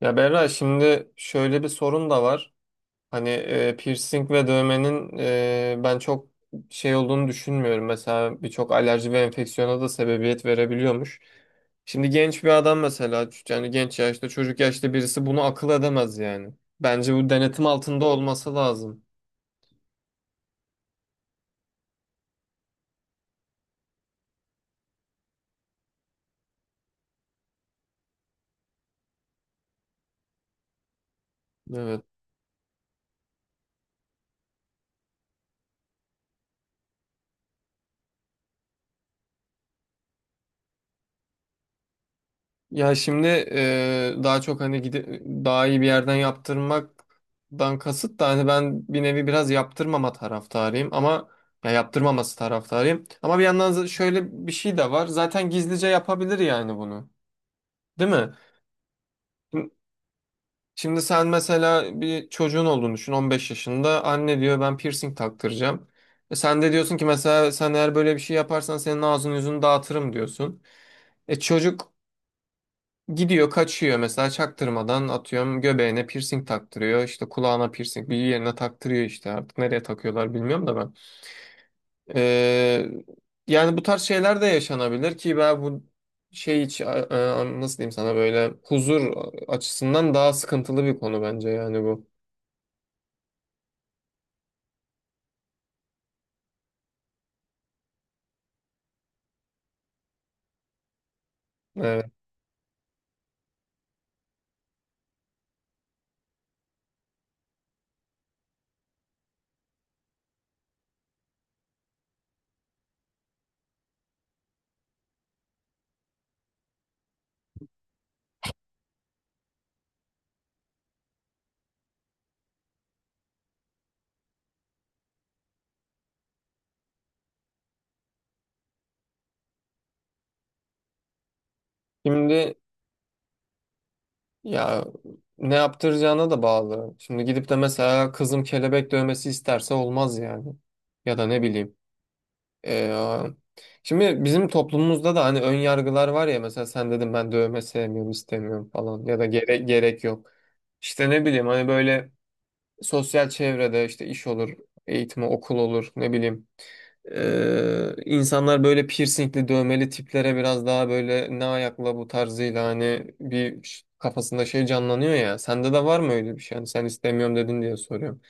Ya Berra, şimdi şöyle bir sorun da var. Hani piercing ve dövmenin, ben çok şey olduğunu düşünmüyorum. Mesela birçok alerji ve enfeksiyona da sebebiyet verebiliyormuş. Şimdi genç bir adam mesela, yani genç yaşta, çocuk yaşta birisi bunu akıl edemez yani. Bence bu denetim altında olması lazım. Evet. Ya şimdi daha çok hani daha iyi bir yerden yaptırmaktan kasıt da hani, ben bir nevi biraz yaptırmama taraftarıyım ama ya yaptırmaması taraftarıyım. Ama bir yandan şöyle bir şey de var. Zaten gizlice yapabilir yani bunu. Değil mi? Şimdi şimdi sen mesela bir çocuğun olduğunu düşün, 15 yaşında. Anne diyor, ben piercing taktıracağım. E sen de diyorsun ki mesela, sen eğer böyle bir şey yaparsan senin ağzını yüzünü dağıtırım diyorsun. E çocuk gidiyor, kaçıyor mesela, çaktırmadan atıyorum göbeğine piercing taktırıyor, işte kulağına piercing, bir yerine taktırıyor işte, artık nereye takıyorlar bilmiyorum da ben. Ee, Yani bu tarz şeyler de yaşanabilir ki ben bu şey hiç nasıl diyeyim sana, böyle huzur açısından daha sıkıntılı bir konu bence yani bu. Evet. Şimdi ya ne yaptıracağına da bağlı. Şimdi gidip de mesela kızım kelebek dövmesi isterse olmaz yani, ya da ne bileyim. Ee, Şimdi bizim toplumumuzda da hani ön yargılar var ya. Mesela sen, dedim ben dövme sevmiyorum, istemiyorum falan, ya da gerek yok. İşte ne bileyim, hani böyle sosyal çevrede işte iş olur, eğitim, okul olur, ne bileyim. İnsanlar böyle piercingli dövmeli tiplere biraz daha böyle ne ayakla bu tarzıyla, hani kafasında şey canlanıyor ya. Sende de var mı öyle bir şey? Hani sen istemiyorum dedin diye soruyorum.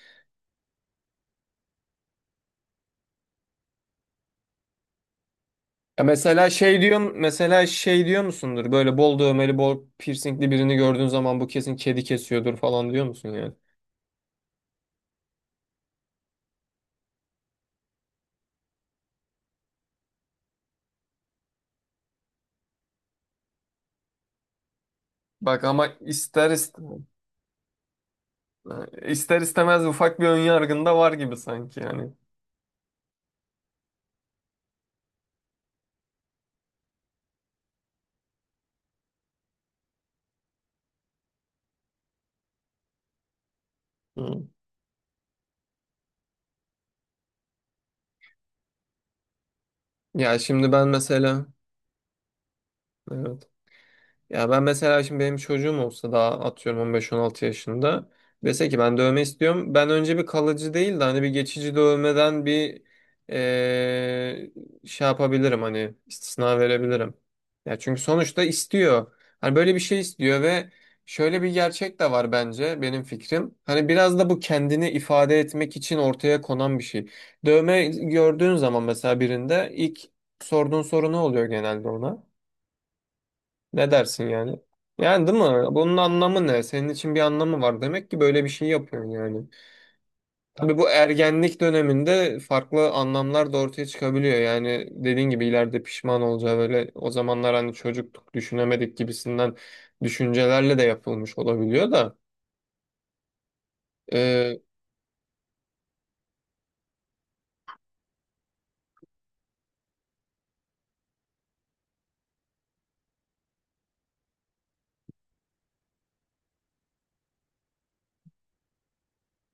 Ya mesela şey diyorsun, mesela şey diyor musundur? Böyle bol dövmeli, bol piercingli birini gördüğün zaman bu kesin kedi kesiyordur falan diyor musun yani? Bak ama ister istemez ufak bir ön yargın da var gibi sanki yani. Hı. Ya şimdi ben mesela, evet. Ya ben mesela şimdi, benim çocuğum olsa, daha atıyorum 15-16 yaşında, dese ki ben dövme istiyorum. Ben önce bir kalıcı değil de hani bir geçici dövmeden bir eee, şey yapabilirim, hani istisna verebilirim. Ya çünkü sonuçta istiyor. Hani böyle bir şey istiyor ve şöyle bir gerçek de var bence, benim fikrim. Hani biraz da bu kendini ifade etmek için ortaya konan bir şey. Dövme gördüğün zaman mesela, birinde ilk sorduğun soru ne oluyor genelde ona? Ne dersin yani? Yani değil mi? Bunun anlamı ne? Senin için bir anlamı var. Demek ki böyle bir şey yapıyorsun yani. Tabii bu ergenlik döneminde farklı anlamlar da ortaya çıkabiliyor. Yani dediğin gibi, ileride pişman olacağı, böyle o zamanlar hani çocuktuk, düşünemedik gibisinden düşüncelerle de yapılmış olabiliyor da. Ee,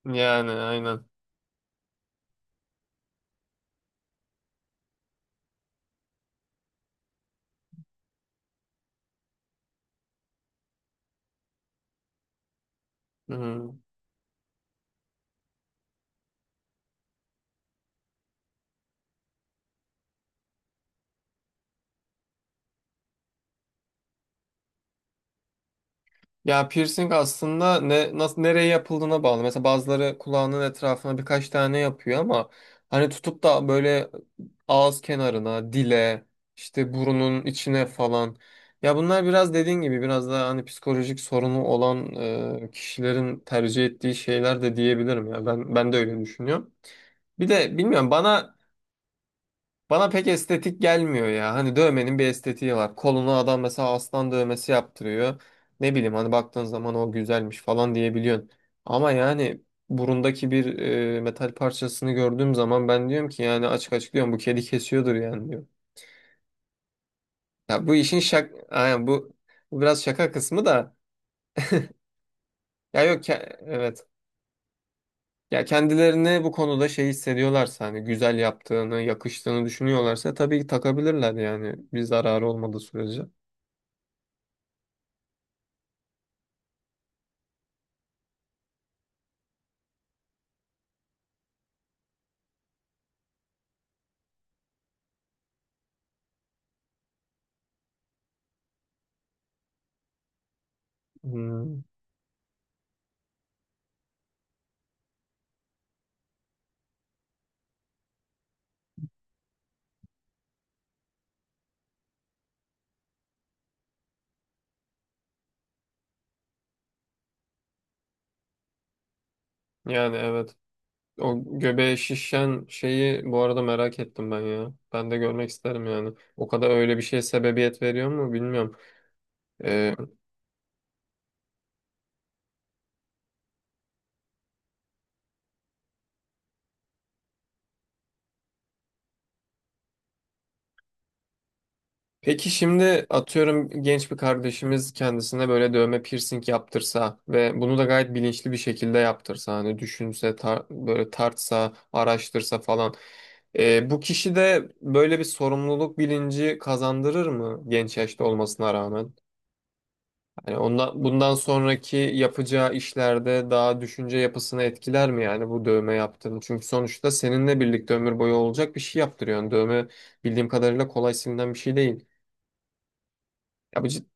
Yani aynen. Hı. Ya piercing aslında ne, nasıl, nereye yapıldığına bağlı. Mesela bazıları kulağının etrafına birkaç tane yapıyor, ama hani tutup da böyle ağız kenarına, dile, işte burunun içine falan. Ya bunlar biraz dediğin gibi, biraz daha hani psikolojik sorunu olan kişilerin tercih ettiği şeyler de diyebilirim ya. Ben de öyle düşünüyorum. Bir de bilmiyorum, bana pek estetik gelmiyor ya. Hani dövmenin bir estetiği var. Koluna adam mesela aslan dövmesi yaptırıyor. Ne bileyim, hani baktığın zaman o güzelmiş falan diyebiliyorsun. Ama yani burundaki bir metal parçasını gördüğüm zaman ben diyorum ki, yani açık açık diyorum, bu kedi kesiyordur yani diyorum. Ya bu işin şak, aynen, bu biraz şaka kısmı da, ya yok ke- evet. Ya kendilerini bu konuda şey hissediyorlarsa, hani güzel yaptığını, yakıştığını düşünüyorlarsa tabii ki takabilirler yani, bir zararı olmadığı sürece. Hmm. Yani evet. O göbeğe şişen şeyi bu arada merak ettim ben ya. Ben de görmek isterim yani. O kadar öyle bir şeye sebebiyet veriyor mu bilmiyorum. Ee, peki şimdi atıyorum, genç bir kardeşimiz kendisine böyle dövme, piercing yaptırsa ve bunu da gayet bilinçli bir şekilde yaptırsa, hani düşünse, böyle tartsa, araştırsa falan. Bu kişi de böyle bir sorumluluk bilinci kazandırır mı, genç yaşta olmasına rağmen? Yani bundan sonraki yapacağı işlerde daha düşünce yapısını etkiler mi yani bu dövme yaptığın? Çünkü sonuçta seninle birlikte ömür boyu olacak bir şey yaptırıyorsun. Dövme bildiğim kadarıyla kolay silinen bir şey değil. Ya,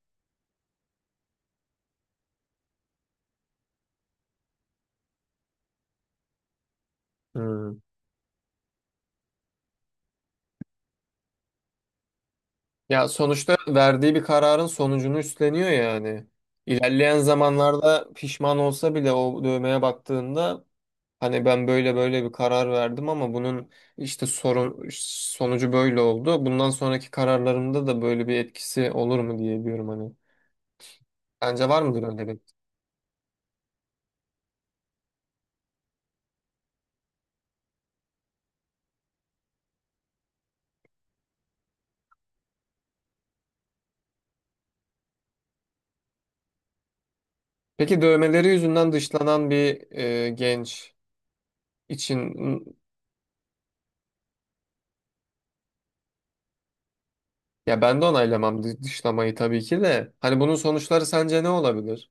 Hmm. Ya sonuçta verdiği bir kararın sonucunu üstleniyor yani. İlerleyen zamanlarda pişman olsa bile o dövmeye baktığında, hani ben böyle bir karar verdim ama bunun işte sorun sonucu böyle oldu, bundan sonraki kararlarımda da böyle bir etkisi olur mu diye diyorum hani. Bence var mıdır öyle bir? Peki dövmeleri yüzünden dışlanan bir genç için, ya ben de onaylamam dışlamayı tabii ki de. Hani bunun sonuçları sence ne olabilir?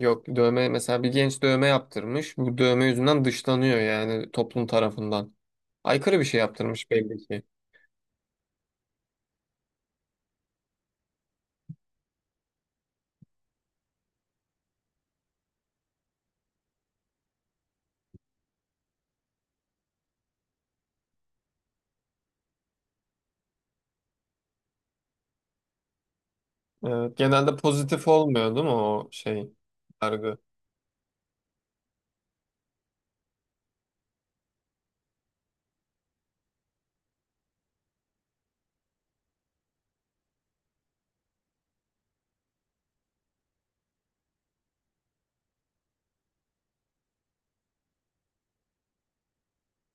Yok, dövme mesela, bir genç dövme yaptırmış. Bu dövme yüzünden dışlanıyor yani toplum tarafından. Aykırı bir şey yaptırmış belli ki. Evet, genelde pozitif olmuyor değil mi, o şey, yargı?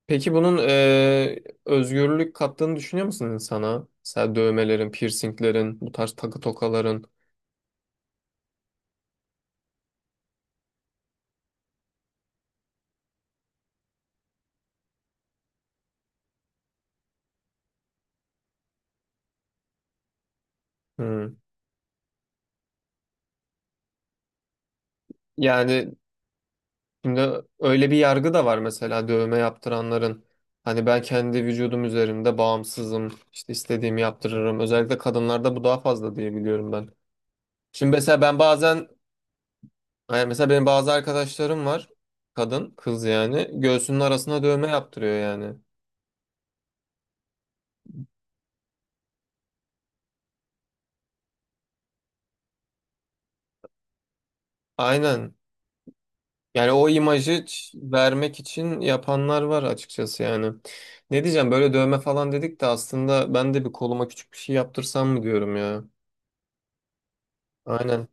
Peki bunun özgürlük kattığını düşünüyor musun insana? Mesela dövmelerin, piercinglerin, bu tarz takı tokaların. Hmm. Yani şimdi öyle bir yargı da var mesela dövme yaptıranların. Hani ben kendi vücudum üzerinde bağımsızım, işte istediğimi yaptırırım. Özellikle kadınlarda bu daha fazla diye biliyorum ben. Şimdi mesela ben bazen, yani mesela benim bazı arkadaşlarım var, kadın, kız yani, göğsünün arasına dövme yaptırıyor yani. Aynen. Yani o imajı vermek için yapanlar var açıkçası yani. Ne diyeceğim, böyle dövme falan dedik de, aslında ben de bir koluma küçük bir şey yaptırsam mı diyorum ya. Aynen.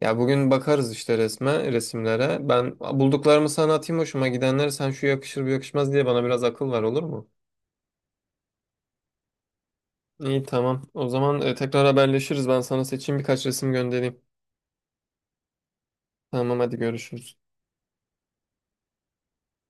Ya bugün bakarız işte resimlere. Ben bulduklarımı sana atayım, hoşuma gidenleri, sen şu yakışır bu yakışmaz diye bana biraz akıl ver, olur mu? İyi, tamam. O zaman tekrar haberleşiriz. Ben sana seçeyim birkaç resim göndereyim. Tamam, hadi görüşürüz.